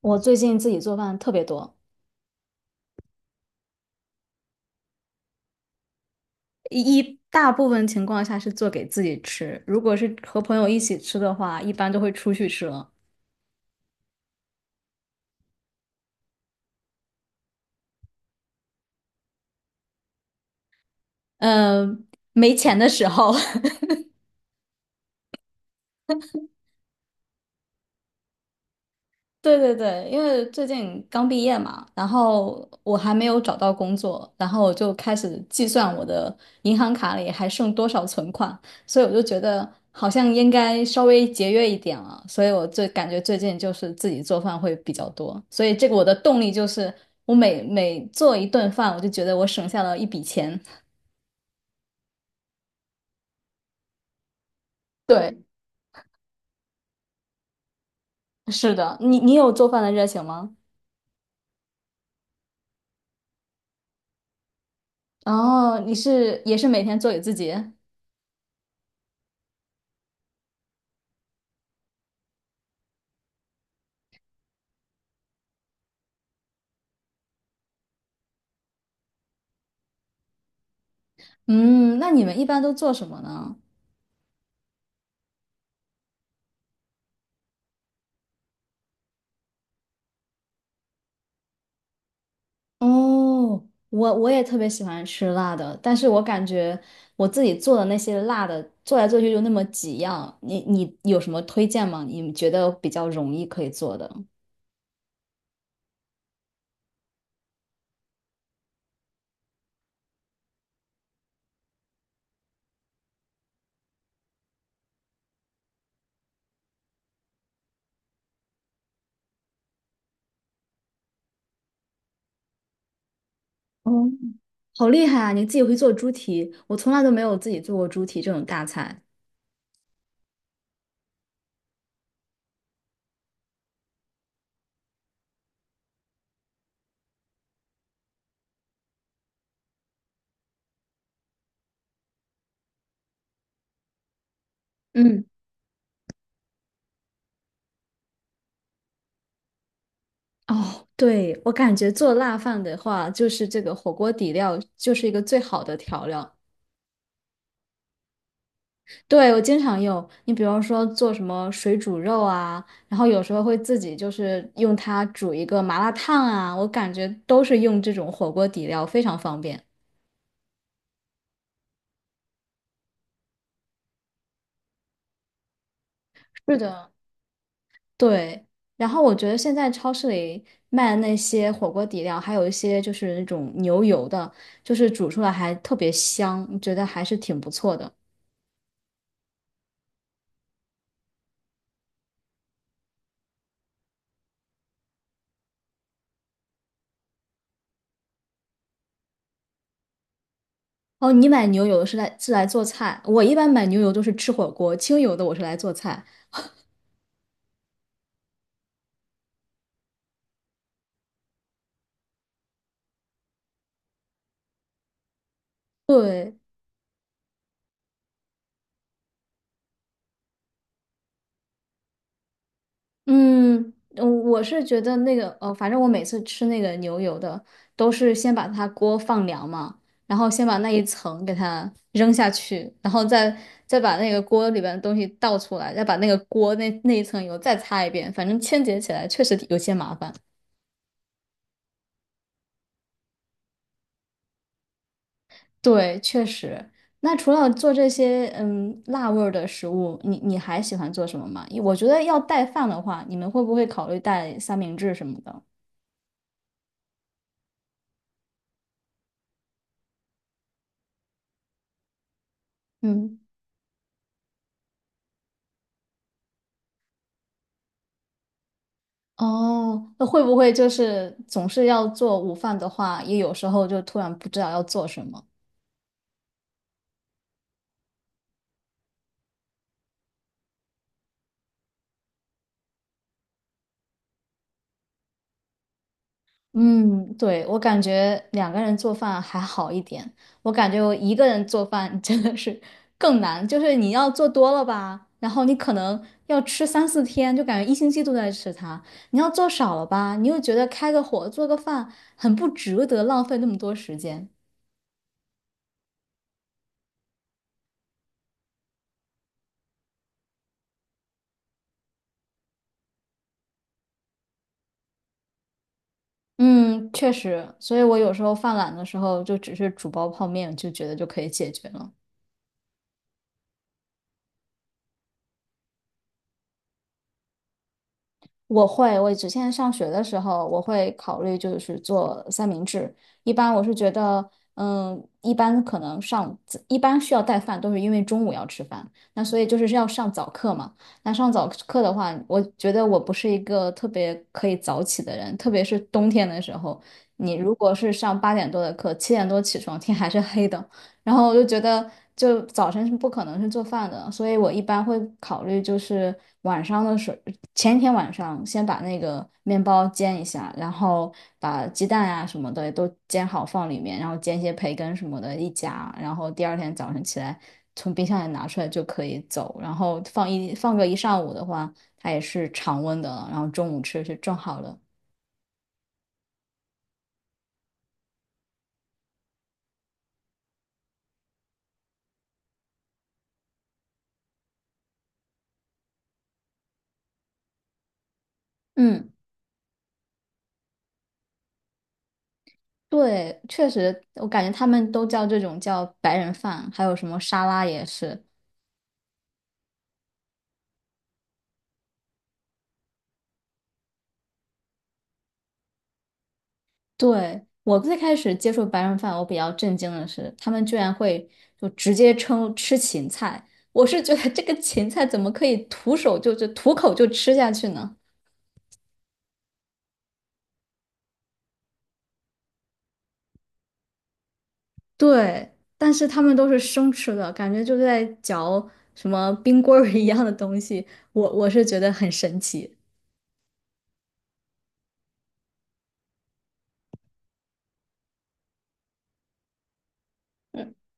我最近自己做饭特别多，一大部分情况下是做给自己吃，如果是和朋友一起吃的话，一般都会出去吃了。嗯，没钱的时候，对对对，因为最近刚毕业嘛，然后我还没有找到工作，然后我就开始计算我的银行卡里还剩多少存款，所以我就觉得好像应该稍微节约一点了，所以我最感觉最近就是自己做饭会比较多，所以这个我的动力就是我每每做一顿饭，我就觉得我省下了一笔钱。对，是的，你有做饭的热情吗？哦，你是也是每天做给自己？嗯，那你们一般都做什么呢？哦，我也特别喜欢吃辣的，但是我感觉我自己做的那些辣的，做来做去就那么几样。你有什么推荐吗？你觉得比较容易可以做的？哦，好厉害啊！你自己会做猪蹄，我从来都没有自己做过猪蹄这种大菜。嗯，哦，对，我感觉做辣饭的话，就是这个火锅底料就是一个最好的调料。对，我经常用。你比如说做什么水煮肉啊，然后有时候会自己就是用它煮一个麻辣烫啊，我感觉都是用这种火锅底料，非常方便。是的，对，然后我觉得现在超市里卖的那些火锅底料，还有一些就是那种牛油的，就是煮出来还特别香，觉得还是挺不错的。哦，你买牛油是来做菜，我一般买牛油都是吃火锅，清油的我是来做菜。对。嗯，嗯我是觉得那个反正我每次吃那个牛油的，都是先把它锅放凉嘛，然后先把那一层给它扔下去，然后再把那个锅里边的东西倒出来，再把那个锅那一层油再擦一遍，反正清洁起来确实有些麻烦。对，确实。那除了做这些辣味儿的食物，你还喜欢做什么吗？我觉得要带饭的话，你们会不会考虑带三明治什么的？嗯。哦，那会不会就是总是要做午饭的话，也有时候就突然不知道要做什么？嗯，对，我感觉两个人做饭还好一点，我感觉我一个人做饭真的是更难，就是你要做多了吧，然后你可能要吃三四天，就感觉一星期都在吃它；你要做少了吧，你又觉得开个火做个饭很不值得，浪费那么多时间。嗯，确实，所以我有时候犯懒的时候，就只是煮包泡面，就觉得就可以解决了。我会，我之前上学的时候，我会考虑就是做三明治。一般我是觉得，嗯，一般可能上，一般需要带饭，都是因为中午要吃饭，那所以就是要上早课嘛。那上早课的话，我觉得我不是一个特别可以早起的人，特别是冬天的时候，你如果是上八点多的课，七点多起床，天还是黑的，然后我就觉得，就早晨是不可能是做饭的，所以我一般会考虑就是晚上的时候，前一天晚上先把那个面包煎一下，然后把鸡蛋啊什么的都煎好放里面，然后煎一些培根什么的一夹，然后第二天早晨起来从冰箱里拿出来就可以走，然后放个一上午的话，它也是常温的了然后中午吃是正好的。嗯。对，确实，我感觉他们都叫这种叫白人饭，还有什么沙拉也是。对，我最开始接触白人饭，我比较震惊的是，他们居然会就直接称吃芹菜。我是觉得这个芹菜怎么可以徒手就徒口就吃下去呢？对，但是他们都是生吃的，感觉就在嚼什么冰棍儿一样的东西，我是觉得很神奇。嗯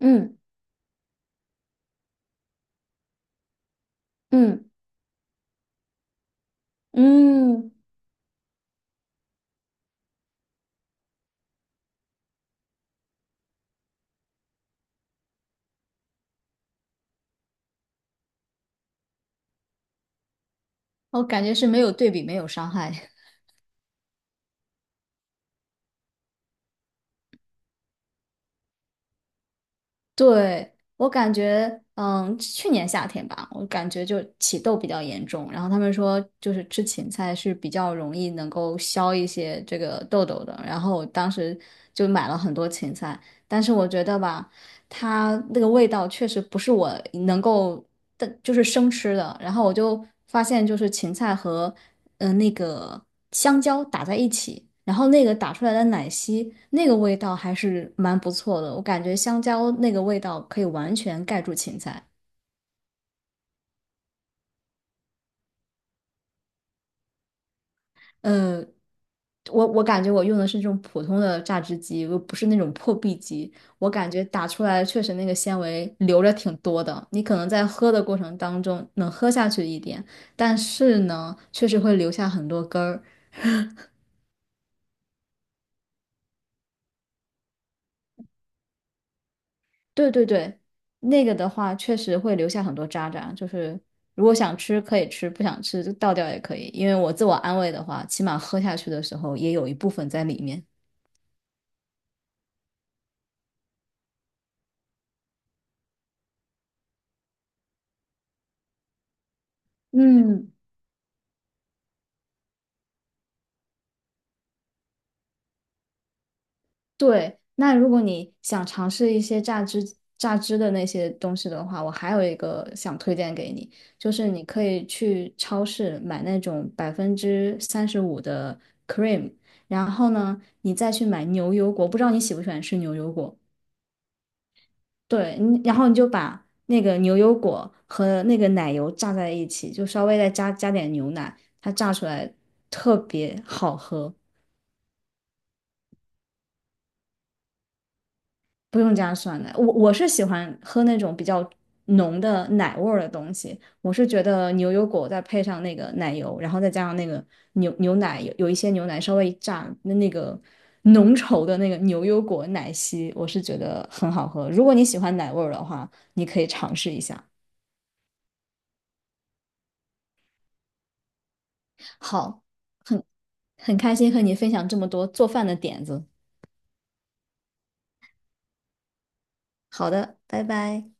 嗯嗯嗯，我感觉是没有对比，没有伤害。对，我感觉，嗯，去年夏天吧，我感觉就起痘比较严重，然后他们说就是吃芹菜是比较容易能够消一些这个痘痘的，然后我当时就买了很多芹菜，但是我觉得吧，它那个味道确实不是我能够的，就是生吃的。然后我就发现，就是芹菜和那个香蕉打在一起，然后那个打出来的奶昔，那个味道还是蛮不错的。我感觉香蕉那个味道可以完全盖住芹菜。嗯，我感觉我用的是这种普通的榨汁机，又不是那种破壁机。我感觉打出来确实那个纤维留着挺多的，你可能在喝的过程当中能喝下去一点，但是呢，确实会留下很多根儿。对对对，那个的话确实会留下很多渣渣，就是如果想吃可以吃，不想吃就倒掉也可以。因为我自我安慰的话，起码喝下去的时候也有一部分在里面。嗯。对，那如果你想尝试一些榨汁的那些东西的话，我还有一个想推荐给你，就是你可以去超市买那种35%的 cream，然后呢，你再去买牛油果，不知道你喜不喜欢吃牛油果？对，你然后你就把那个牛油果和那个奶油榨在一起，就稍微再加加点牛奶，它榨出来特别好喝。不用加酸奶，我是喜欢喝那种比较浓的奶味儿的东西。我是觉得牛油果再配上那个奶油，然后再加上那个牛奶，有一些牛奶稍微一炸，那那个浓稠的那个牛油果奶昔，我是觉得很好喝。如果你喜欢奶味儿的话，你可以尝试一下。好，很很开心和你分享这么多做饭的点子。好的，拜拜。